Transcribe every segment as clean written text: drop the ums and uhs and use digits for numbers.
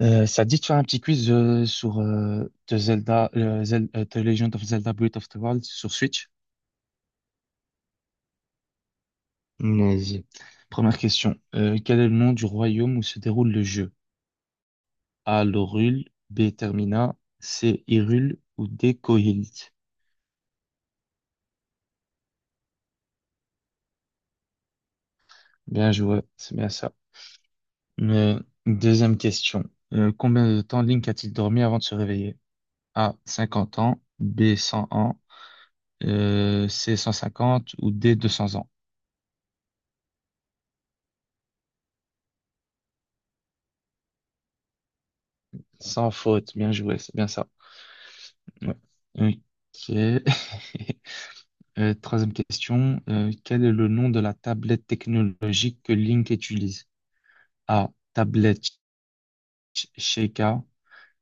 Ça te dit de faire un petit quiz sur The Legend of Zelda Breath of the Wild sur Switch? Vas-y. Première question. Quel est le nom du royaume où se déroule le jeu? A. Lorul, B. Termina, C. Hyrule ou D. Koholint? Bien joué, c'est bien ça. Euh, Deuxième question. Combien de temps Link a-t-il dormi avant de se réveiller? A. 50 ans, B. 100 ans, C. 150 ou D. 200 ans? Sans faute, bien joué, c'est bien ça. Ouais. Ok. Troisième question. Quel est le nom de la tablette technologique que Link utilise? A. Tablette Sheikah.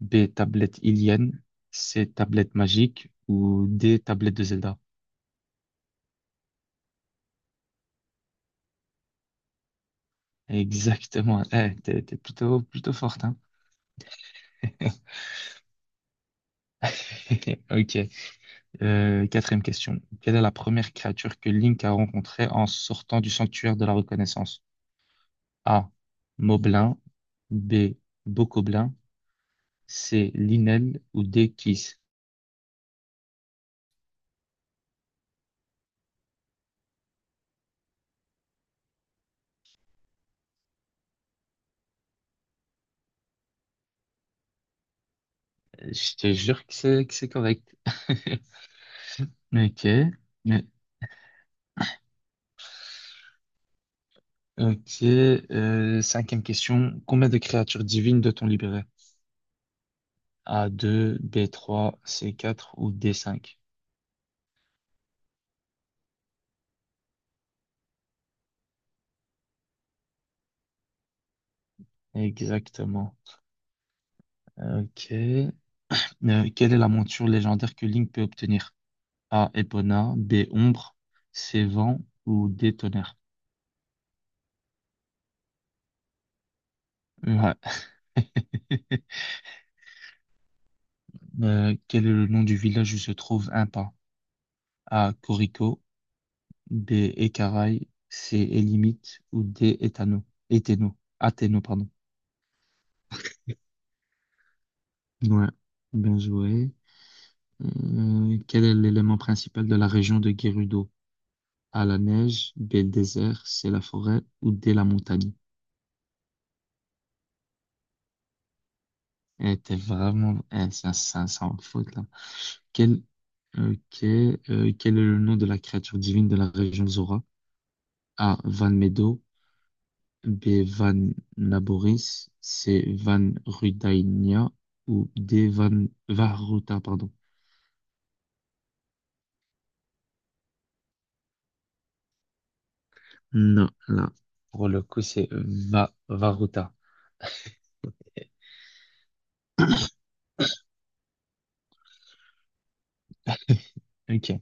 B. Tablette Ilienne. C. Tablette magique. Ou D. Tablette de Zelda. Exactement. Eh, t'es plutôt forte, hein? Ok. Quatrième question. Quelle est la première créature que Link a rencontrée en sortant du sanctuaire de la reconnaissance? A. Moblin. B. Bokoblin. C'est Linel ou Dekis. Je te jure que c'est correct. Ok. Mais- Ok. Euh, cinquième question. Combien de créatures divines doit-on libérer? A deux, b trois, c quatre ou d cinq. Exactement. Ok. Quelle est la monture légendaire que Link peut obtenir? A. Epona, B. Ombre, C. Vent ou D. Tonnerre? Ouais. Quel est le nom du village où se trouve un pain? A. Corico, B. Écaraille. C. Élimite. Ou D. Éthano. Éthéno. Athéno, pardon. Ouais, bien joué. Quel est l'élément principal de la région de Gerudo? A. La neige. B. Le désert. C. La forêt. Ou D. La montagne. Eh, t'es vraiment... Eh, ça en faute, là. Quel... Ok. Euh, quel est le nom de la créature divine de la région Zora? A. Van Medo. B. Van Laboris, C. Van Rudainia ou D. Van Varuta, pardon. Non, là, pour le coup, c'est Va Varuta. Ok.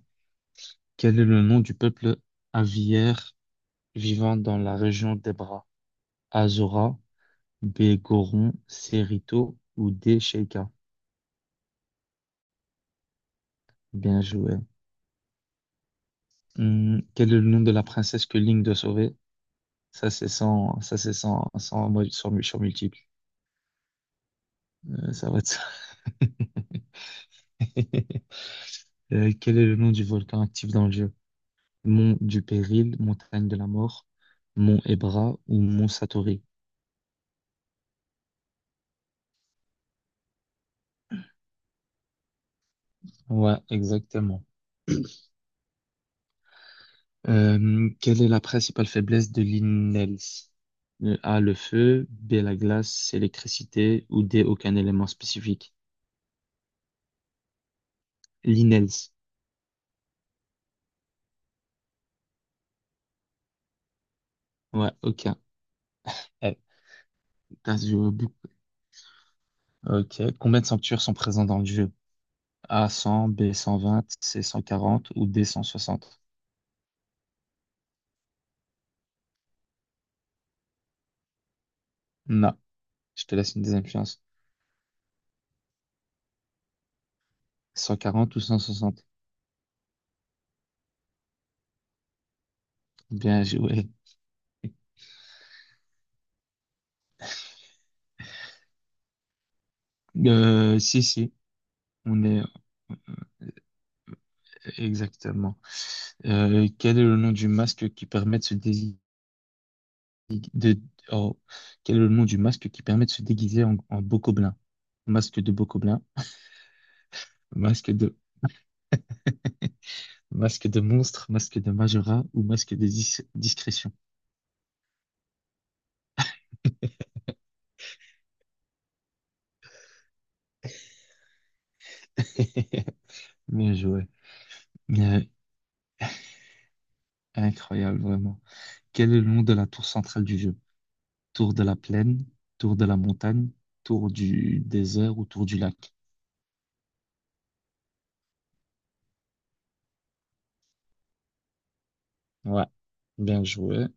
Quel est le nom du peuple aviaire vivant dans la région des bras? Azora, B. Goron, C. Rito ou D. Sheika. Bien joué. Quel est le nom de la princesse que Link doit sauver? Ça, c'est sans multiple. Ça va être ça. Quel est le nom du volcan actif dans le jeu? Mont du Péril, montagne de la mort, mont Ebra ou mont Satori? Ouais, exactement. Quelle est la principale faiblesse de l'INELS? Le A, le feu, B, la glace, C, l'électricité ou D, aucun élément spécifique. L'INELS. Ouais, aucun. Eh, t'as joué beaucoup. Ok. Combien de sanctuaires sont présents dans le jeu? A, 100, B, 120, C, 140 ou D, 160? Non. Je te laisse une deuxième chance. 140 ou 160. Bien joué. Si, si, on est exactement. Quel est le nom du masque qui permet de se dési- de- oh, quel est le nom du masque qui permet de se déguiser en beau gobelin? Masque de beau gobelin, masque de, masque de monstre, masque de Majora ou masque de discrétion. Bien joué. Mais, incroyable, vraiment. Quel est le nom de la tour centrale du jeu? Tour de la plaine, tour de la montagne, tour du désert ou tour du lac. Ouais, bien joué.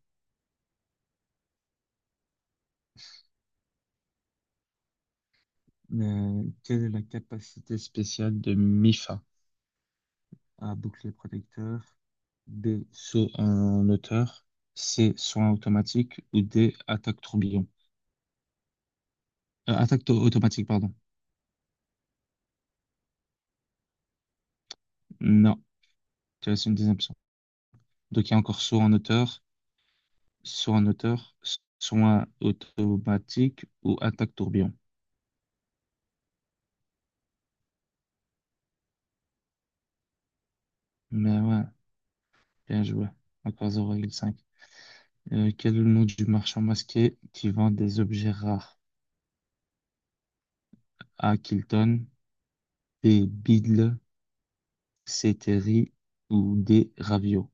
Quelle est la capacité spéciale de MIFA? A. Bouclier protecteur. B. Saut en hauteur. C. Soin automatique. Ou D. Attaque tourbillon. Attaque automatique, pardon. Non, tu as une deuxième option. Donc il y a encore saut en hauteur, soin automatique ou attaque tourbillon. Mais ouais, bien joué. Encore zéro virgule cinq. Quel est le nom du marchand masqué qui vend des objets rares? A. Kilton, B. Biddle, C. Terry ou D. Ravio.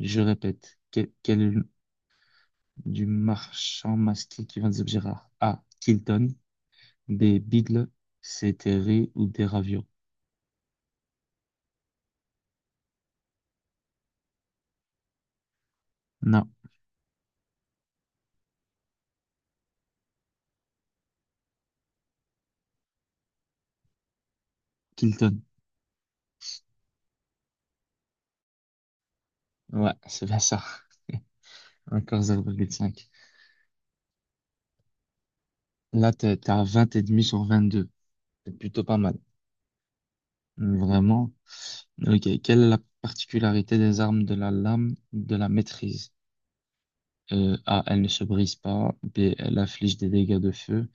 Je répète, quel est le nom du marchand masqué qui vend des objets rares? A. Kilton, B. Biddle, C. Terry ou D. Ravio. Non, Kilton. Ouais, c'est bien ça. Encore 0,5. Là, t'es à 20 et demi sur 22. C'est plutôt pas mal. Vraiment. Ok. Quelle est la particularité des armes de la lame de la maîtrise? A. Elles ne se brisent pas. B. Elles infligent des dégâts de feu.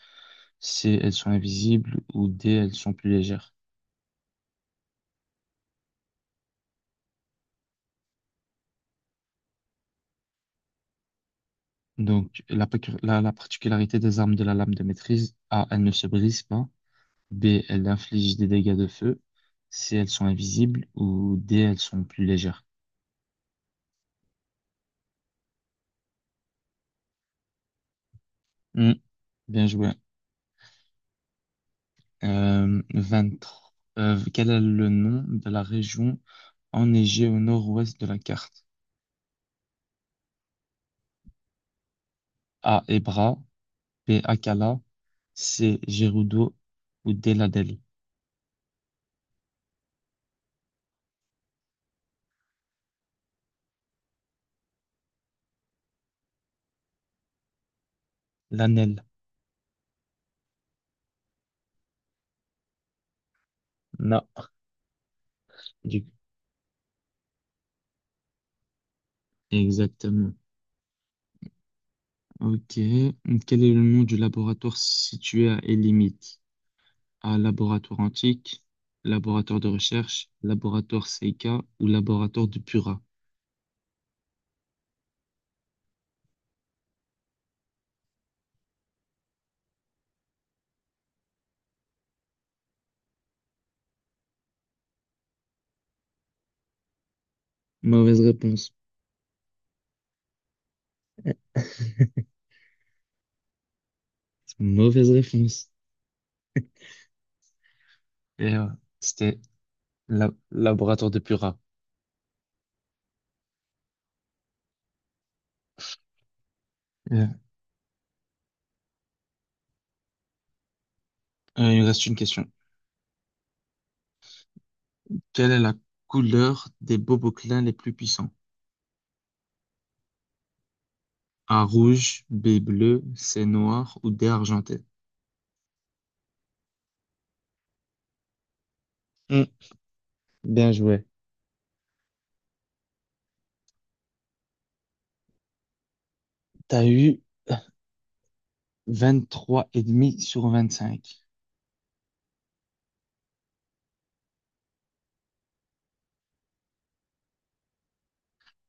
C. Elles sont invisibles. Ou D. Elles sont plus légères. Donc, la particularité des armes de la lame de maîtrise, A. Elles ne se brisent pas. B. Elles infligent des dégâts de feu. C. Elles sont invisibles. Ou D. Elles sont plus légères. Hmm, bien joué. 23, quel est le nom de la région enneigée au nord-ouest de la carte? A. Hébra, B. Akala, C. Gerudo ou D. Lanel. Lanel. Na. du- Exactement. Ok. Quel est le nom du laboratoire situé à Elimite? A. Laboratoire antique, laboratoire de recherche, laboratoire Seika ou laboratoire de Pura? Mauvaise réponse. Mauvaise réponse. Et c'était laboratoire de Pura. Euh, il me reste une question. Quelle est la couleur des boboclins les plus puissants? A rouge, B bleu, C noir ou D argenté? Hmm, bien joué. T'as eu 23,5 sur 25.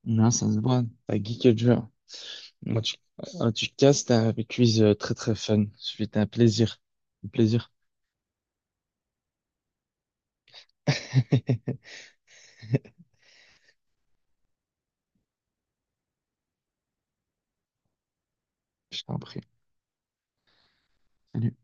Non, ça se voit. T'as geeké le jeu. Moi, tu casses, c'était un quiz très très fun. C'était un plaisir. Un plaisir. Je t'en prie. Salut.